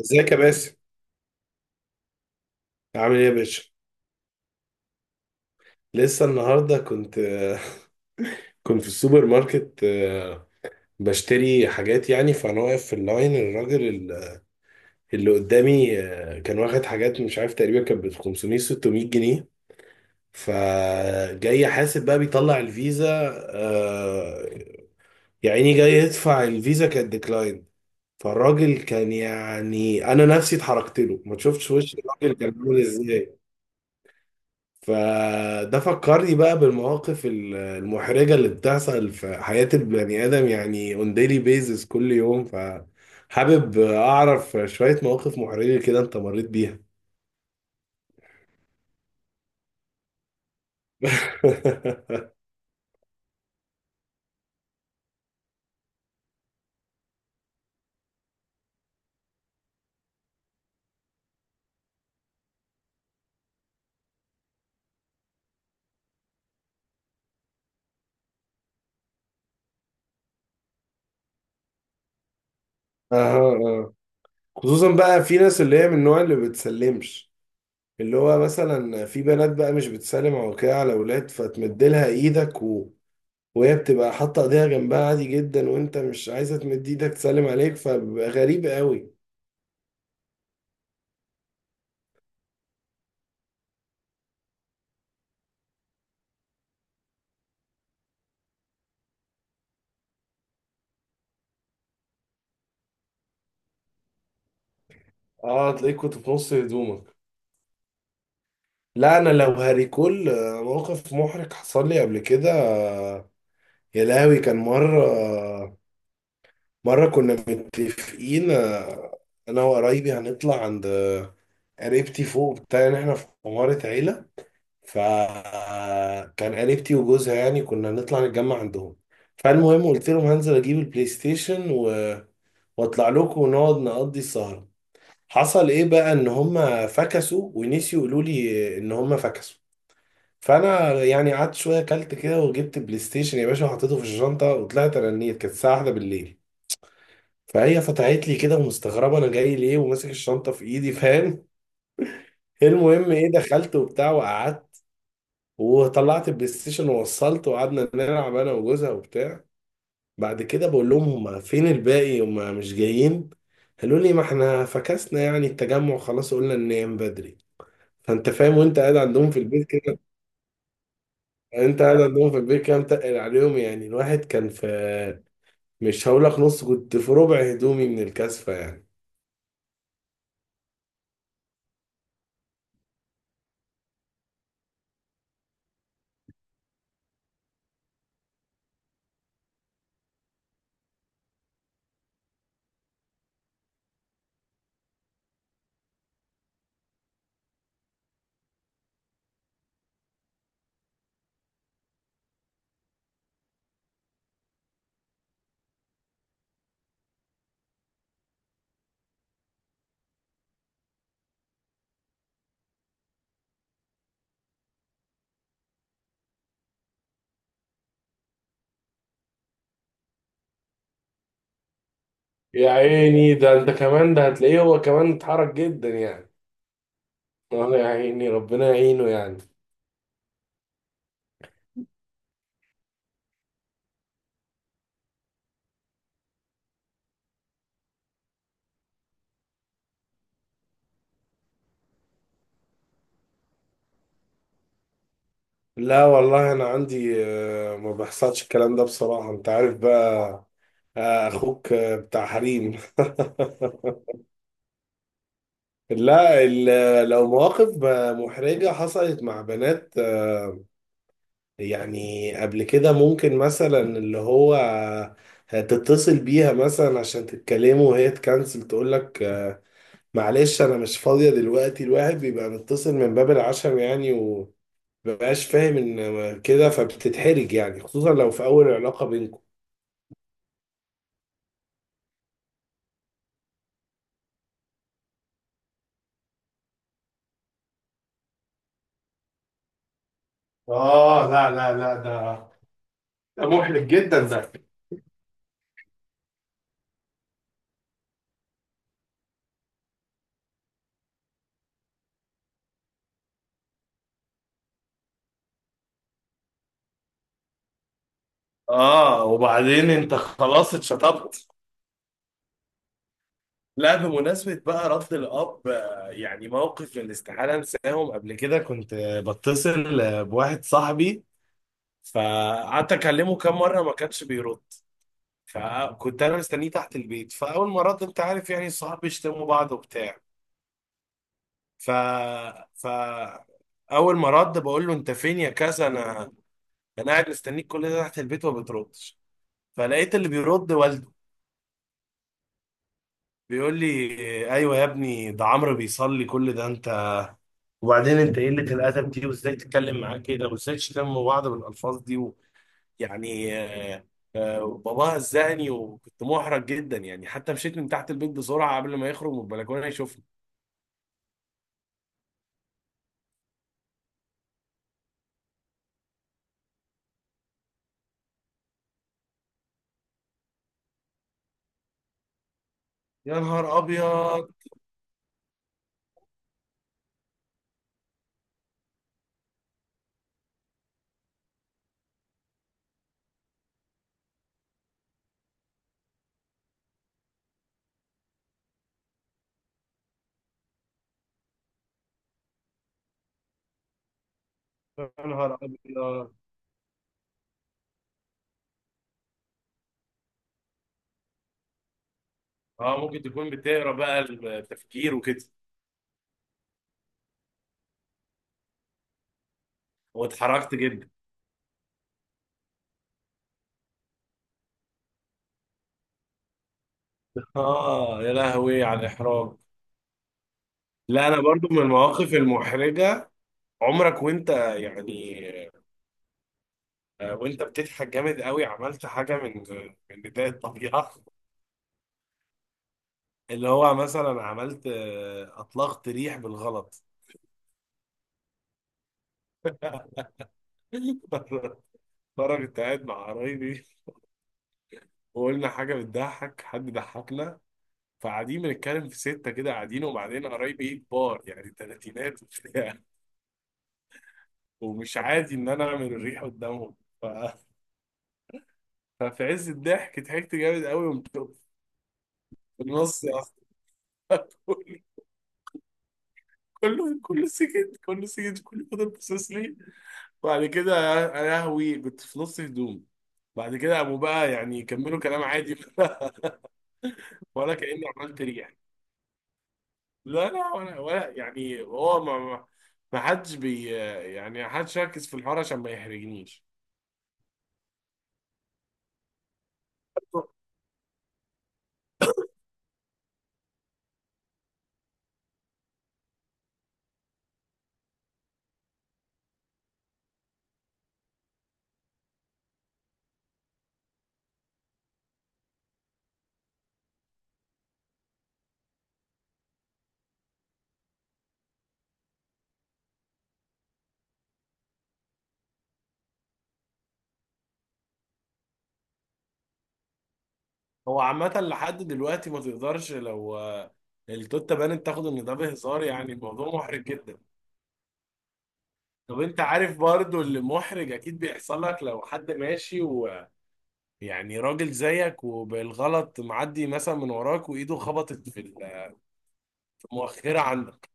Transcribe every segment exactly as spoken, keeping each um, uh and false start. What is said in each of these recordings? ازيك يا باسم؟ عامل ايه يا باشا؟ لسه النهارده كنت كنت في السوبر ماركت، آه، بشتري حاجات يعني. فانا واقف في اللاين، الراجل ال- اللي قدامي آه، كان واخد حاجات، مش عارف، تقريبا كانت ب خمسمية ستمية جنيه. فجاي حاسب بقى بيطلع الفيزا، آه، يعني جاي يدفع الفيزا، كانت ديكلاين. فالراجل كان، يعني انا نفسي اتحركت له، ما تشوفش وش الراجل كان عامل ازاي. فده فكرني بقى بالمواقف ال- المحرجة اللي بتحصل في حياة البني آدم، يعني on daily basis كل يوم، فحابب أعرف شوية مواقف محرجة كده أنت مريت بيها. أها، أه. خصوصا بقى في ناس اللي هي من النوع اللي بتسلمش، اللي هو مثلا في بنات بقى مش بتسلم او كده على اولاد، فتمدلها ايدك، و... وهي بتبقى حاطه ايديها جنبها عادي جدا، وانت مش عايزه تمد ايدك تسلم عليك، فبيبقى غريب قوي. اه، تلاقيك كنت في نص هدومك. لا، انا لو هريكول آه، موقف محرج حصل لي قبل كده، آه، يا لهوي. كان مره، آه، مره كنا متفقين، آه، انا وقرايبي هنطلع عند، آه، قريبتي فوق بتاع ان احنا في عماره عيله. فكان قريبتي وجوزها، يعني كنا هنطلع نتجمع عندهم. فالمهم قلت لهم هنزل اجيب البلاي ستيشن، و... واطلع لكم ونقعد نقضي السهره. حصل ايه بقى؟ ان هم فكسوا ونسيوا يقولوا لي ان هم فكسوا. فانا يعني قعدت شويه، اكلت كده وجبت بلاي ستيشن يا باشا وحطيته في الشنطه وطلعت، رنيت، كانت الساعه واحدة بالليل. فهي فتحت لي كده ومستغربه انا جاي ليه وماسك الشنطه في ايدي، فاهم؟ المهم ايه، دخلت وبتاع وقعدت، وطلعت البلاي ستيشن ووصلت، وقعدنا نلعب انا وجوزها وبتاع. بعد كده بقول لهم: هما فين الباقي؟ هما مش جايين؟ قالوا لي: ما احنا فكسنا، يعني التجمع خلاص، قلنا ننام بدري. فانت فاهم وانت قاعد عندهم في البيت كده؟ يعني انت قاعد عندهم في البيت كام تقل عليهم، يعني الواحد كان في، مش هقول لك نص، كنت في ربع هدومي من الكثفة يعني. يا عيني، ده انت كمان، ده هتلاقيه هو كمان اتحرك جدا يعني. اه، يا عيني، ربنا يعينه يعني. لا والله، انا عندي آه، ما بيحصلش الكلام ده بصراحة، انت عارف بقى، آه، اخوك آه، بتاع حريم. لا، ال- لو مواقف محرجة حصلت مع بنات، آه، يعني قبل كده ممكن مثلا اللي هو تتصل بيها مثلا عشان تتكلموا، وهي تكنسل تقول لك، آه، معلش انا مش فاضية دلوقتي. الواحد بيبقى متصل من باب العشم يعني، ومبقاش فاهم ان كده فبتتحرج يعني، خصوصا لو في اول علاقة بينكم. آه، لا لا لا، ده ده محرج جدا ده. آه، وبعدين أنت خلاص اتشطبت. لا، بمناسبة بقى رفض الأب، آه، يعني موقف من الاستحالة أنساهم. قبل كده كنت آه، بتصل آه، بواحد صاحبي، فقعدت أكلمه كام مرة ما كانش بيرد. فكنت أنا مستنيه تحت البيت. فأول ما رد، أنت عارف يعني الصحاب بيشتموا بعض وبتاع، ف ف أول ما رد بقول له: أنت فين يا كذا؟ أنا أنا قاعد مستنيك كل ده تحت البيت وما بتردش. فلقيت اللي بيرد والده، بيقول لي: آه، أيوه يا ابني، ده عمرو بيصلي كل ده. وبعدين انت قلة الادب دي، وازاي تتكلم معاه كده، وازاي تشتموا بعض بالالفاظ دي. و... يعني آه، آه، باباها زهقني وكنت محرج جدا يعني، حتى مشيت من تحت البيت بسرعه قبل ما يخرج من البلكونه يشوفني. يا نهار ابيض! يا نهار ابيض! اه، ممكن تكون بتقرا بقى التفكير وكده. واتحرجت جدا. اه، يا لهوي على الاحراج. لا، انا برضو من المواقف المحرجه، عمرك وانت، يعني وانت بتضحك جامد قوي، عملت حاجه من من بدايه الطبيعه، اللي هو مثلا عملت آه، اطلقت ريح بالغلط؟ مره كنت قاعد مع قرايبي، وقلنا حاجه بتضحك، حد ضحكنا، فقاعدين بنتكلم في سته كده قاعدين، وبعدين قرايبي ايه، كبار يعني، تلاتينات وبتاع، ومش عادي ان انا اعمل الريح قدامهم. ف- ففي عز الضحك ضحكت جامد قوي، وقمت في النص يا أخي. كله كله سكت، كله سكت، كله فضل باصص لي. بعد كده يا لهوي، كنت في نص هدوم. بعد كده قاموا بقى يعني كملوا كلام عادي. ولا كأني عملت ريح. لا، لا، ولا ولا يعني، هو ما ما ما حدش بي، يعني ما حدش ركز في الحوار عشان ما يحرجنيش. هو عامة، لحد دلوقتي ما تقدرش، لو آه، التوتة بانت تاخد ان ده بهزار، يعني الموضوع محرج جدا. طب انت عارف برضو، اللي محرج اكيد بيحصل لك، لو حد ماشي يعني راجل زيك وبالغلط معدي مثلا من وراك، وايده خبطت في ال- في المؤخره عندك.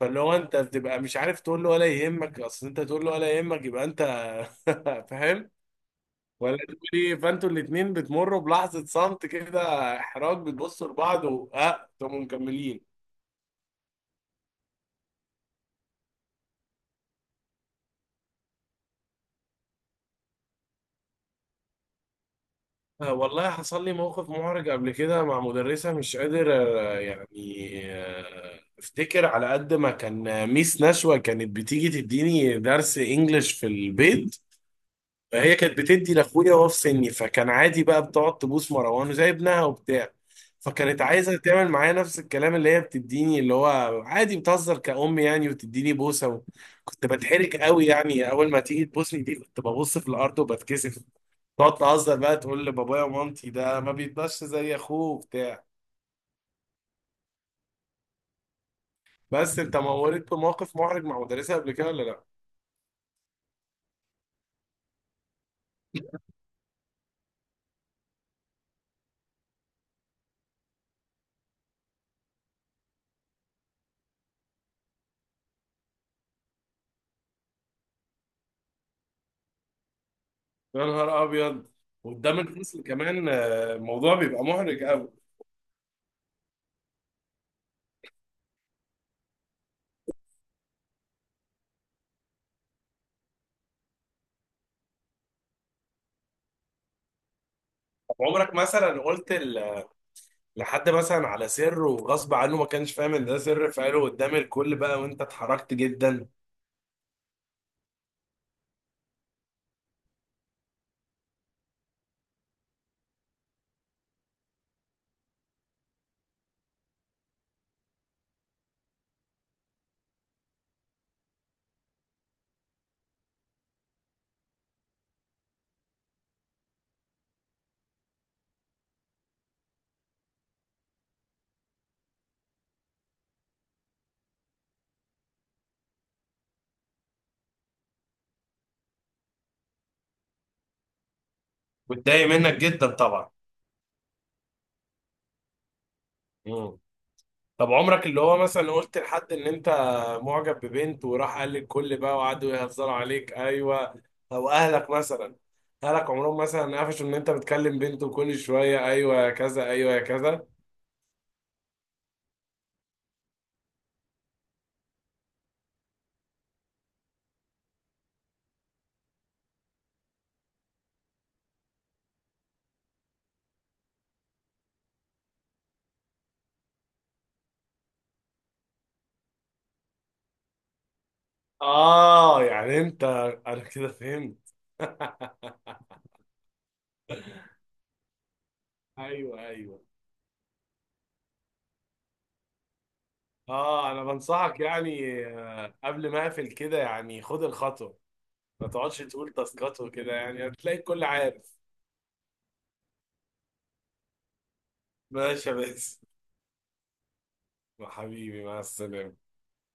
فاللي هو انت بتبقى مش عارف تقول له ولا يهمك، اصل انت تقول له ولا يهمك يبقى انت فاهم؟ ولا تقول ايه؟ فانتوا الاتنين بتمروا بلحظه صمت كده، احراج، بتبصوا لبعض، واه، انتوا مكملين. آه، والله حصل لي موقف محرج قبل كده مع مدرسة، مش قادر آه، يعني آه، افتكر، على قد ما كان، آه، ميس نشوى كانت بتيجي تديني درس انجليش في البيت. فهي كانت بتدي لاخويا وهو في سني، فكان عادي بقى بتقعد تبوس مروان وزي ابنها وبتاع. فكانت عايزه تعمل معايا نفس الكلام اللي هي بتديني، اللي هو عادي بتهزر كأم يعني، وتديني بوسه. و... كنت بتحرك قوي يعني، اول ما تيجي تبوسني دي كنت ببص في الارض وبتكسف. تقعد تهزر بقى تقول لبابايا ومامتي: ده ما بيتبش زي اخوه وبتاع. بس انت مورت بموقف محرج مع مدرسه قبل كده ولا لا؟ يا نهار ابيض! قدام الفصل كمان، آه، الموضوع بيبقى محرج قوي. طب عمرك مثلا قلت ال لحد مثلا على سر، وغصب عنه ما كانش فاهم ان ده سر فقاله قدام الكل بقى، وانت اتحركت جدا؟ واتضايق منك جدا طبعا. مم. طب عمرك اللي هو مثلا قلت لحد ان انت معجب ببنت، وراح قال للكل بقى وقعدوا يهزروا عليك؟ ايوه. او اهلك مثلا، اهلك عمرهم مثلا قفشوا ان انت بتكلم بنت، وكل شويه: ايوه يا كذا، ايوه يا كذا؟ اه، يعني انت انا كده فهمت. ايوه، ايوه. اه، انا بنصحك يعني، آه، قبل ما اقفل كده يعني خد الخطوه، ما تقعدش تقول تاسكات وكده، يعني هتلاقي الكل عارف. ماشي يا باسم. حبيبي، مع السلامة.